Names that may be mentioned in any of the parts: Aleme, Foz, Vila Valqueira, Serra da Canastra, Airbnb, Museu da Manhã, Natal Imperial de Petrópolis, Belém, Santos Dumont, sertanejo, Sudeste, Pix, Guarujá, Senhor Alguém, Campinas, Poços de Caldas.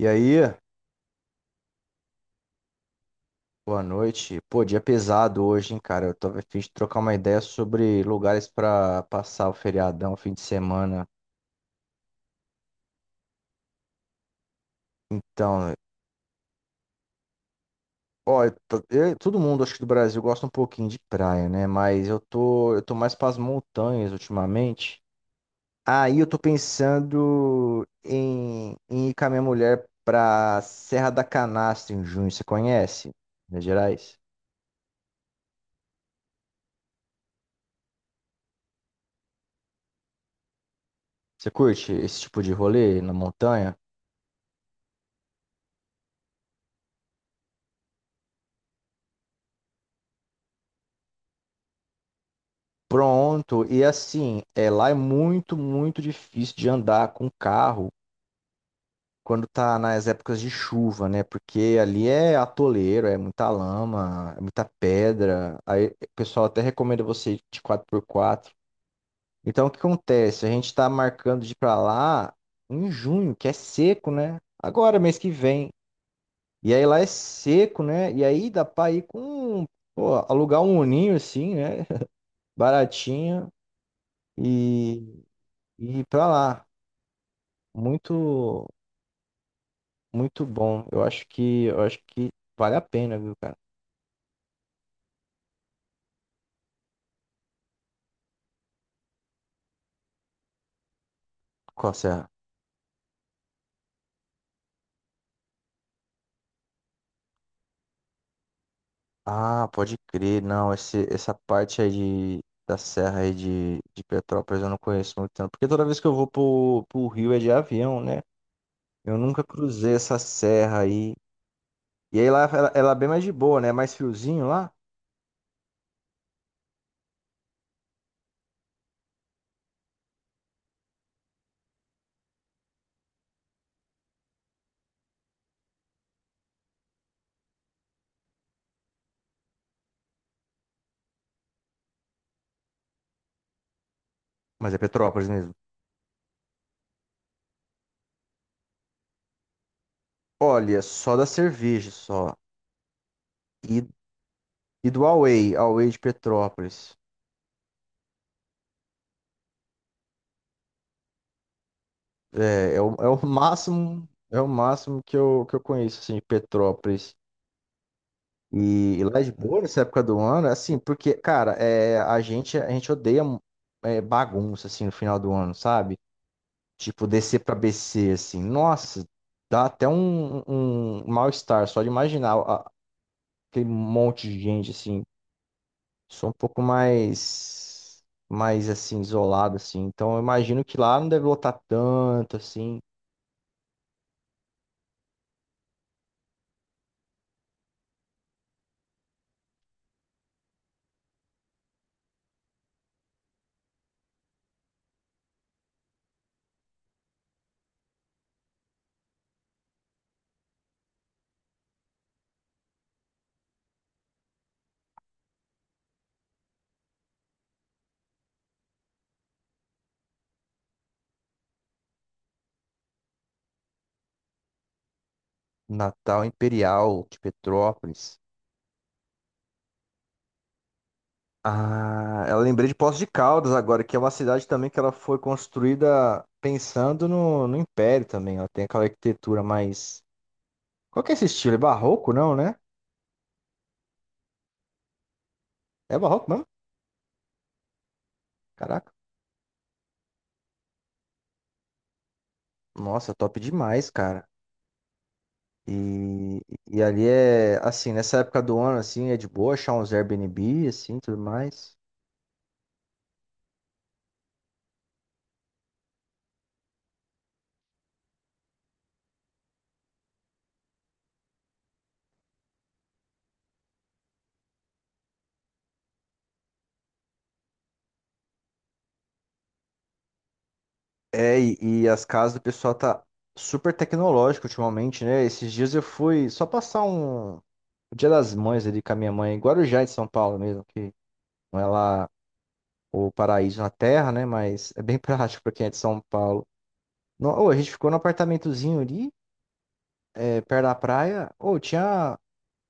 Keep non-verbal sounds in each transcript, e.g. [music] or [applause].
E aí, boa noite. Pô, dia pesado hoje, hein, cara? Eu tô a fim de trocar uma ideia sobre lugares pra passar o feriadão, fim de semana. Então, ó, todo mundo, acho que do Brasil, gosta um pouquinho de praia, né? Mas eu tô mais pras montanhas ultimamente. Aí eu tô pensando em ir com a minha mulher pra Serra da Canastra em junho. Você conhece? Minas Gerais? Você curte esse tipo de rolê na montanha? Pronto, e assim, é, lá é muito, muito difícil de andar com carro quando tá nas épocas de chuva, né? Porque ali é atoleiro, é muita lama, é muita pedra. Aí o pessoal até recomenda você ir de quatro por quatro. Então o que acontece? A gente tá marcando de ir pra lá em junho, que é seco, né? Agora, mês que vem. E aí lá é seco, né? E aí dá pra ir com, pô, alugar um uninho assim, né? [laughs] Baratinho e, e ir pra lá. Muito, muito bom. Eu acho que vale a pena, viu, cara? Qual serra? Ah, pode crer. Não, esse, essa parte aí de, da serra aí de Petrópolis eu não conheço muito tanto. Porque toda vez que eu vou pro Rio é de avião, né? Eu nunca cruzei essa serra aí. E aí lá ela é bem mais de boa, né? É mais friozinho lá. Mas é Petrópolis mesmo. Olha, só da cerveja, só. E, e do Away, Away de Petrópolis. É, é o máximo, é o máximo que eu conheço, assim, de Petrópolis. E lá de boa, nessa época do ano, é assim, porque, cara, é, a gente odeia bagunça, assim, no final do ano, sabe? Tipo, descer pra BC, assim, nossa, dá até um, um mal-estar só de imaginar aquele monte de gente, assim. Sou um pouco mais, mais, assim, isolado, assim. Então, eu imagino que lá não deve lotar tanto, assim. Natal Imperial de Petrópolis. Ah, eu lembrei de Poços de Caldas agora, que é uma cidade também que ela foi construída pensando no Império também. Ela tem aquela arquitetura mais. Qual que é esse estilo? É barroco, não, né? É barroco mesmo? Caraca. Nossa, top demais, cara. E, e ali é, assim, nessa época do ano, assim, é de boa achar uns Airbnb, assim, tudo mais. É, e as casas do pessoal tá super tecnológico ultimamente, né? Esses dias eu fui só passar um o Dia das Mães ali com a minha mãe, em Guarujá é de São Paulo mesmo, que não é lá o paraíso na terra, né? Mas é bem [laughs] prático pra quem é de São Paulo. No, ô, a gente ficou no apartamentozinho ali, é, perto da praia. Ou tinha.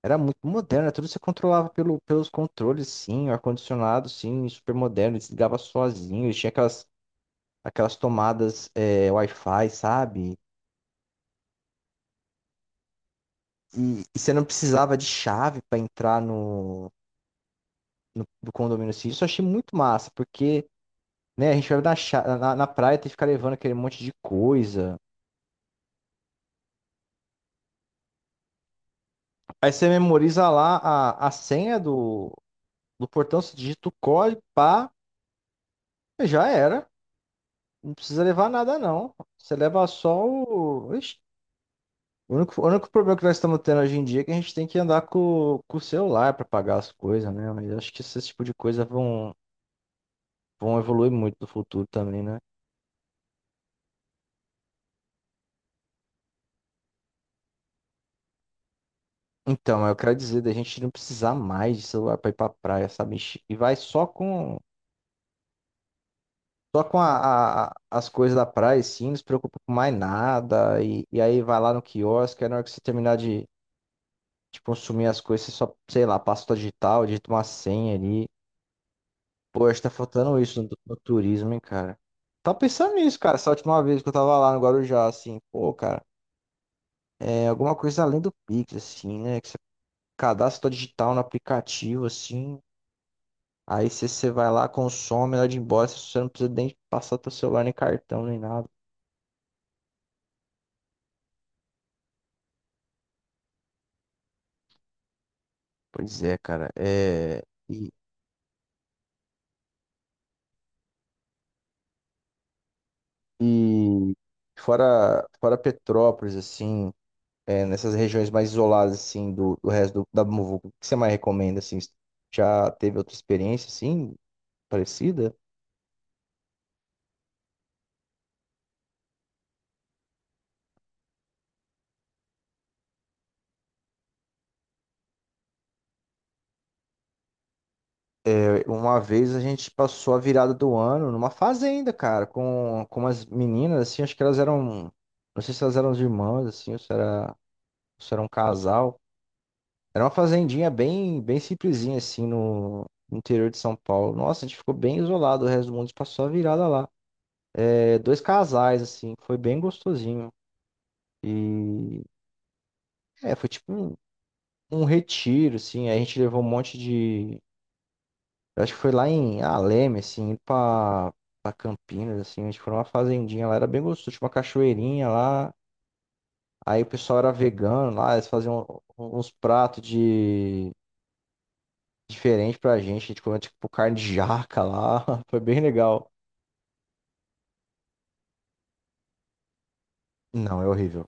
Era muito moderno, né, tudo você controlava pelo, pelos controles, sim, o ar-condicionado, sim, super moderno, desligava sozinho, e tinha aquelas, aquelas tomadas é, Wi-Fi, sabe? E você não precisava de chave para entrar no condomínio, assim. Isso eu achei muito massa, porque. Né? A gente vai na, na praia, tem que ficar levando aquele monte de coisa. Aí você memoriza lá a senha do portão, você digita o código, pá, já era. Não precisa levar nada, não. Você leva só o. Ixi, o único problema que nós estamos tendo hoje em dia é que a gente tem que andar com o celular para pagar as coisas, né? Mas eu acho que esse tipo de coisa vão, vão evoluir muito no futuro também, né? Então, eu quero dizer da gente não precisar mais de celular para ir para praia, sabe? E vai só com. Só com as coisas da praia, sim, não se preocupa com mais nada. E aí vai lá no quiosque, aí na hora que você terminar de consumir as coisas, você só, sei lá, passa o digital, digita uma senha ali. Pô, acho que tá faltando isso no turismo, hein, cara. Tava pensando nisso, cara, essa última vez que eu tava lá no Guarujá, assim, pô, cara, é alguma coisa além do Pix, assim, né? Que você cadastra sua digital no aplicativo, assim. Aí você vai lá, consome, na hora de ir embora, você não precisa nem passar teu celular, nem cartão, nem nada. Pois é, cara. É, e, e fora, fora Petrópolis, assim, é, nessas regiões mais isoladas, assim, do da Muvuca, o que você mais recomenda, assim? Já teve outra experiência, assim, parecida? É, uma vez a gente passou a virada do ano numa fazenda, cara, com umas meninas, assim, acho que elas eram, não sei se elas eram as irmãs, assim, ou se era um casal. Era uma fazendinha bem, bem simplesinha, assim, no no interior de São Paulo. Nossa, a gente ficou bem isolado, o resto do mundo passou a virada lá. É, dois casais, assim, foi bem gostosinho. E é, foi tipo um, um retiro, assim. Aí a gente levou um monte de. Eu acho que foi lá em Aleme, assim, indo pra, pra Campinas, assim. A gente foi numa fazendinha lá, era bem gostoso, tinha uma cachoeirinha lá. Aí o pessoal era vegano lá, eles faziam um, uns pratos de diferente pra gente. A gente comeu tipo carne de jaca lá. [laughs] Foi bem legal. Não, é horrível.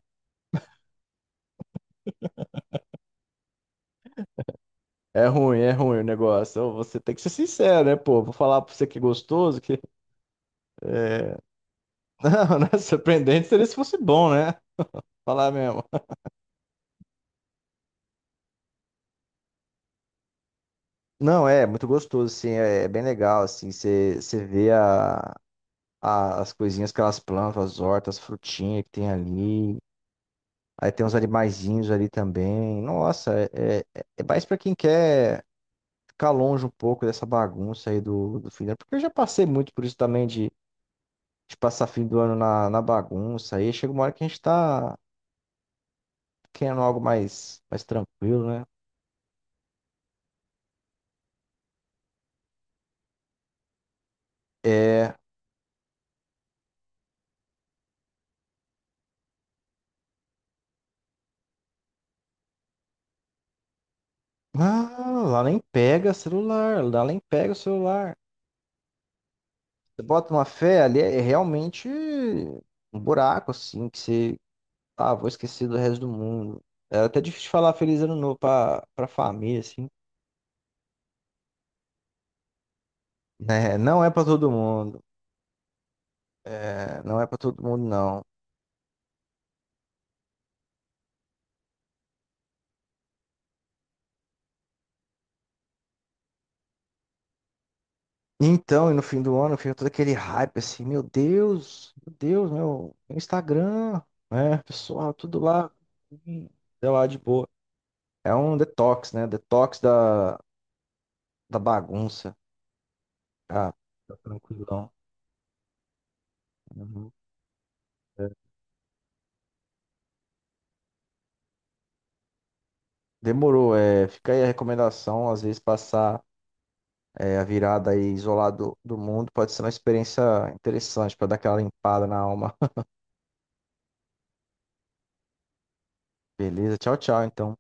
É ruim o negócio. Ô, você tem que ser sincero, né, pô? Vou falar pra você que é gostoso, que é... [laughs] Não, não é surpreendente seria se fosse bom, né? Falar mesmo. Não, é muito gostoso, assim, é, é bem legal, assim, você vê a, as coisinhas que elas plantam, as hortas, as frutinhas que tem ali. Aí tem uns animaizinhos ali também. Nossa, é mais pra quem quer ficar longe um pouco dessa bagunça aí do fim do ano. Porque eu já passei muito por isso também de passar fim do ano na bagunça. Aí chega uma hora que a gente tá querendo algo mais, mais tranquilo, né? É. Ah, lá nem pega celular, lá nem pega o celular. Você bota uma fé ali, é realmente um buraco, assim, que você. Ah, vou esquecer do resto do mundo. É até difícil falar feliz ano novo pra, pra família, assim. Né? Não é pra todo mundo. É, não é pra todo mundo, não. Então, e no fim do ano fica todo aquele hype assim, meu Deus, meu Deus, meu Instagram, né? Pessoal, tudo lá, hum, sei lá, de boa. É um detox, né? Detox da bagunça. Ah, tá tranquilão. Uhum. É. Demorou, é, fica aí a recomendação, às vezes passar é, a virada aí isolado do mundo pode ser uma experiência interessante para dar aquela limpada na alma. [laughs] Beleza, tchau, tchau, então.